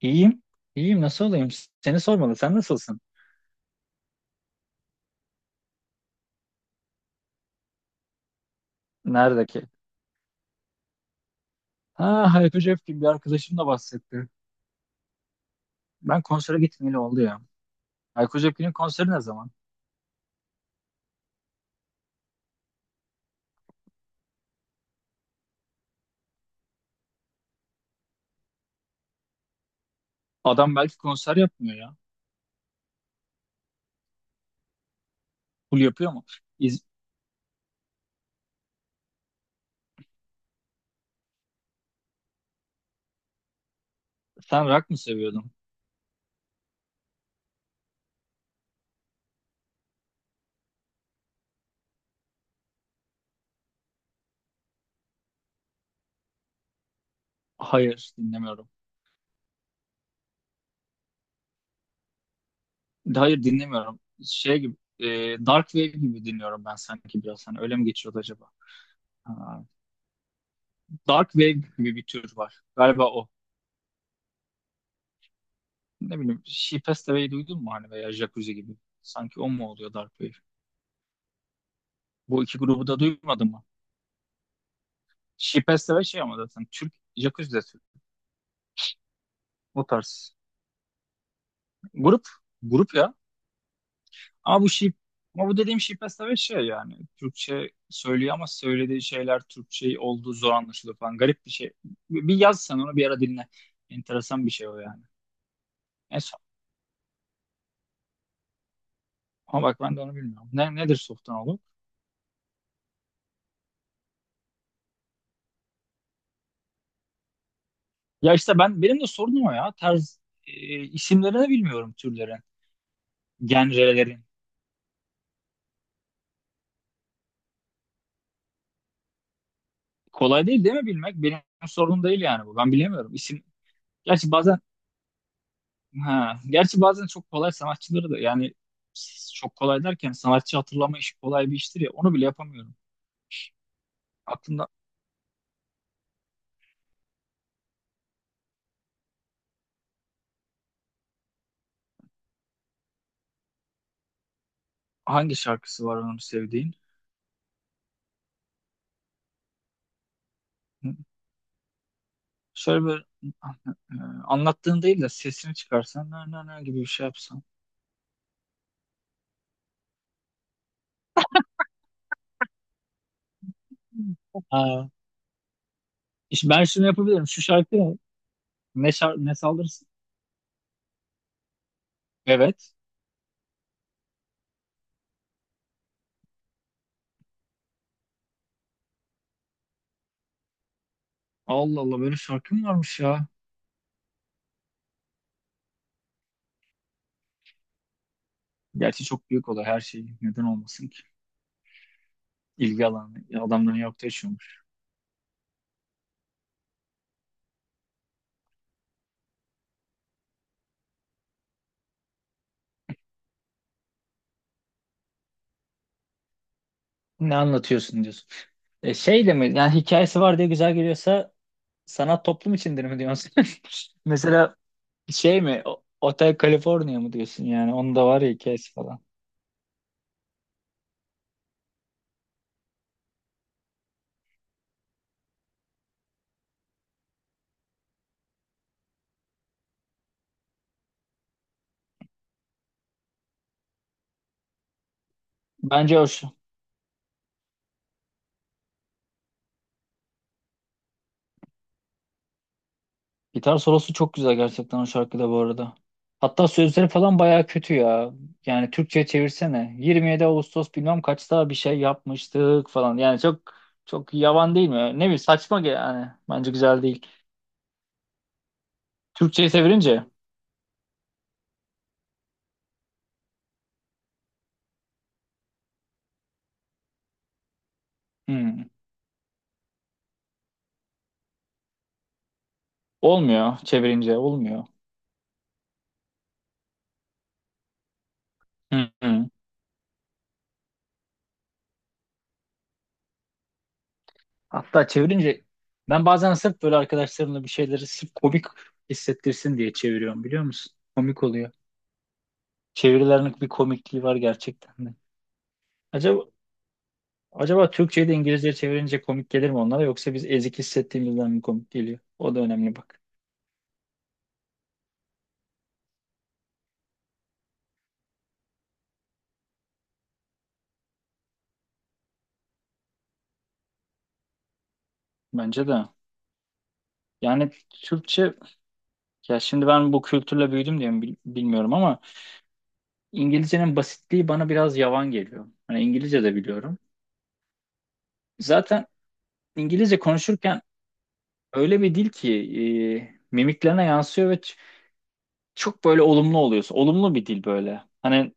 İyiyim. İyiyim. Nasıl olayım? Seni sormalı. Sen nasılsın? Nerede ki? Ha, Hayko Cepkin bir arkadaşım da bahsetti. Ben konsere gitmeyeli oldu ya. Hayko Cepkin'in konseri ne zaman? Adam belki konser yapmıyor ya. Full yapıyor mu? İz- Sen rock mı seviyordun? Hayır, dinlemiyorum. Hayır, dinlemiyorum. Şey gibi, e, Dark Wave gibi dinliyorum ben sanki biraz. Hani öyle mi geçiyordu acaba? Ha, Dark Wave gibi bir tür var. Galiba o. Ne bileyim, She Passed Away duydun mu hani veya Jacuzzi gibi? Sanki o mu oluyor Dark Wave? Bu iki grubu da duymadın mı? Şipeste ve şey ama zaten Türk Jacuzzi de Türk. O tarz. Grup. Grup ya. Ama bu Şip ama bu dediğim Şipeste ve şey yani. Türkçe söylüyor ama söylediği şeyler Türkçe olduğu zor anlaşılıyor falan. Garip bir şey. Bir yaz sen onu bir ara dinle. Enteresan bir şey o yani. Neyse. Ama bak ben de onu bilmiyorum. Nedir softan oğlum? Ya işte benim de sorunum o ya. Tarz e, isimlerini bilmiyorum türlerin, genrelerin. Kolay değil değil mi bilmek? Benim sorunum değil yani bu. Ben bilemiyorum. İsim Gerçi bazen ha, gerçi bazen çok kolay sanatçıları da yani çok kolay derken sanatçı hatırlama işi kolay bir iştir ya onu bile yapamıyorum. Aklında hangi şarkısı var onun sevdiğin? Hı, Şöyle bir e, anlattığın değil de sesini çıkarsan na na na gibi bir şey yapsan. Ha, işte ben şunu yapabilirim. Şu şarkı ne? Ne saldırırsın? Evet. Allah Allah böyle şarkı mı varmış ya? Gerçi çok büyük olay her şey. Neden olmasın ki? İlgi alanı adamların yok da. Ne anlatıyorsun diyorsun. Şey de mi? Yani hikayesi var diye güzel geliyorsa sanat toplum içindir mi diyorsun? Mesela şey mi? Hotel California mı diyorsun yani? Onun da var ya hikayesi falan. Bence o şu. Gitar solosu çok güzel gerçekten o şarkıda bu arada. Hatta sözleri falan bayağı kötü ya. Yani Türkçe'ye çevirsene. 27 Ağustos bilmem kaçta bir şey yapmıştık falan. Yani çok çok yavan değil mi? Ne bileyim saçma yani. Bence güzel değil. Türkçe'ye çevirince. Hı. Olmuyor çevirince olmuyor. Hı hı. Hatta çevirince ben bazen sırf böyle arkadaşlarımla bir şeyleri sırf komik hissettirsin diye çeviriyorum biliyor musun? Komik oluyor. Çevirilerin bir komikliği var gerçekten de. Acaba acaba Türkçeyi de İngilizceye çevirince komik gelir mi onlara yoksa biz ezik hissettiğimizden mi komik geliyor? O da önemli bak. Bence de. Yani Türkçe ya şimdi ben bu kültürle büyüdüm diye mi bilmiyorum ama İngilizcenin basitliği bana biraz yavan geliyor. Hani İngilizce de biliyorum. Zaten İngilizce konuşurken öyle bir dil ki mimiklerine yansıyor ve çok böyle olumlu oluyorsun. Olumlu bir dil böyle. Hani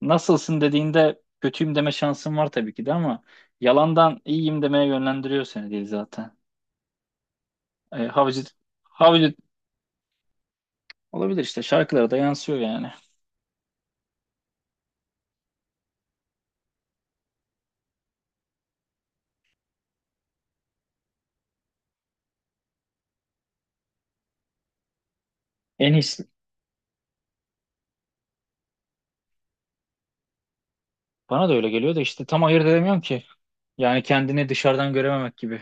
nasılsın dediğinde kötüyüm deme şansın var tabii ki de ama yalandan iyiyim demeye yönlendiriyor seni dil zaten. E, havacı, havacı olabilir işte şarkılara da yansıyor yani. En iyisi. Bana da öyle geliyor da işte tam ayırt edemiyorum ki. Yani kendini dışarıdan görememek gibi.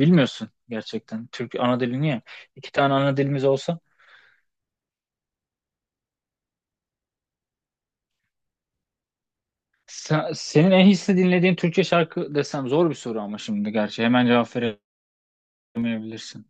Bilmiyorsun gerçekten. Türk ana dilini ya. İki tane ana dilimiz olsa. Senin en hisli dinlediğin Türkçe şarkı desem zor bir soru ama şimdi gerçi hemen cevap veremeyebilirsin.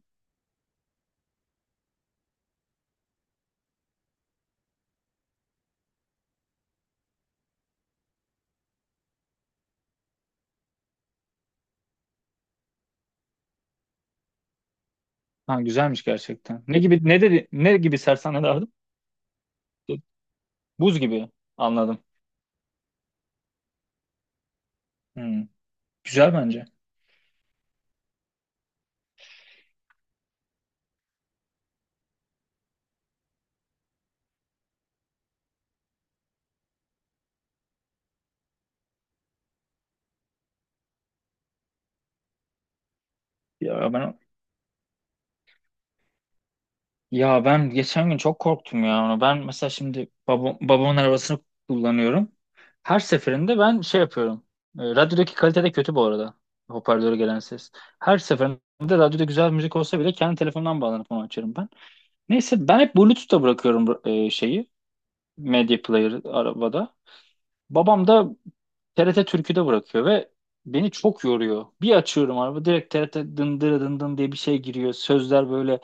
Ha güzelmiş gerçekten. Ne gibi ne dedi ne gibi sersane derdim? Buz gibi anladım. Hmm, güzel bence. Ya ben ya ben geçen gün çok korktum ya ona. Ben mesela şimdi babamın arabasını kullanıyorum. Her seferinde ben şey yapıyorum. Radyodaki kalite de kötü bu arada. Hoparlöre gelen ses. Her seferinde radyoda güzel müzik olsa bile kendi telefonumdan bağlanıp onu açarım ben. Neyse ben hep Bluetooth'ta bırakıyorum şeyi. Medya player arabada. Babam da TRT Türkü'de bırakıyor ve beni çok yoruyor. Bir açıyorum araba direkt TRT dındıra dındın diye bir şey giriyor. Sözler böyle.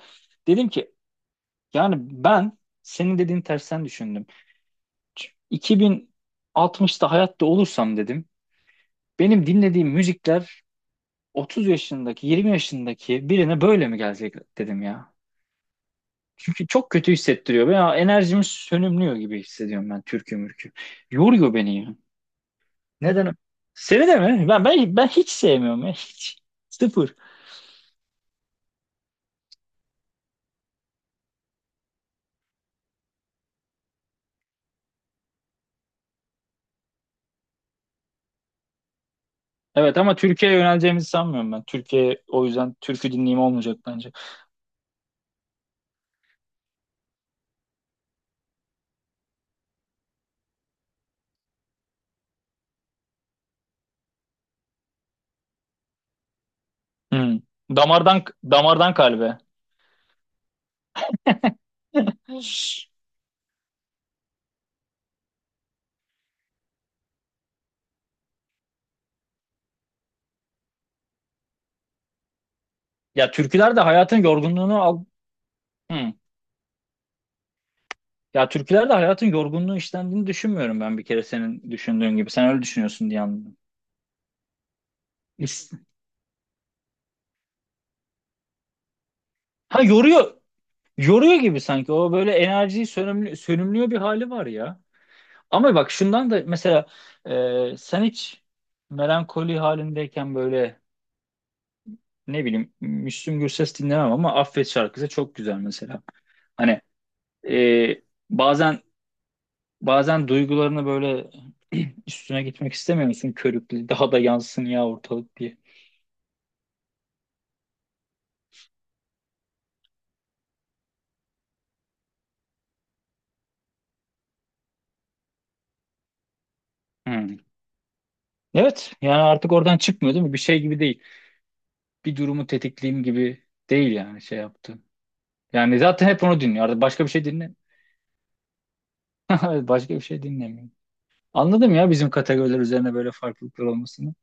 Dedim ki yani ben senin dediğin tersten düşündüm. Ç- 2060'ta hayatta olursam dedim. Benim dinlediğim müzikler 30 yaşındaki, 20 yaşındaki birine böyle mi gelecek dedim ya. Çünkü çok kötü hissettiriyor. Veya enerjim sönümlüyor gibi hissediyorum ben türkü mürkü. Yoruyor beni ya. Neden? Seni de mi? Ben hiç sevmiyorum ya. Hiç. Sıfır. Evet ama Türkiye'ye yöneleceğimizi sanmıyorum ben. Türkiye o yüzden türkü dinleyeyim olmayacak bence. Hmm. Damardan damardan kalbe. Hiç. Ya türküler de hayatın yorgunluğunu al. Hmm. Ya türküler de hayatın yorgunluğu işlendiğini düşünmüyorum ben bir kere senin düşündüğün gibi. Sen öyle düşünüyorsun diye anladım. İs- Ha yoruyor. Yoruyor gibi sanki. O böyle enerjiyi sönümlüyor bir hali var ya. Ama bak şundan da mesela sen hiç melankoli halindeyken böyle ne bileyim Müslüm Gürses dinlemem ama Affet şarkısı çok güzel mesela. Hani e, bazen bazen duygularını böyle üstüne gitmek istemiyor körüklü daha da yansın ya ortalık diye. Hmm. Evet yani artık oradan çıkmıyor değil mi? Bir şey gibi değil. Bir durumu tetikleyeyim gibi değil yani şey yaptı. Yani zaten hep onu dinliyor. Artık başka bir şey dinle. Başka bir şey dinlemiyor. Anladım ya bizim kategoriler üzerine böyle farklılıklar olmasını.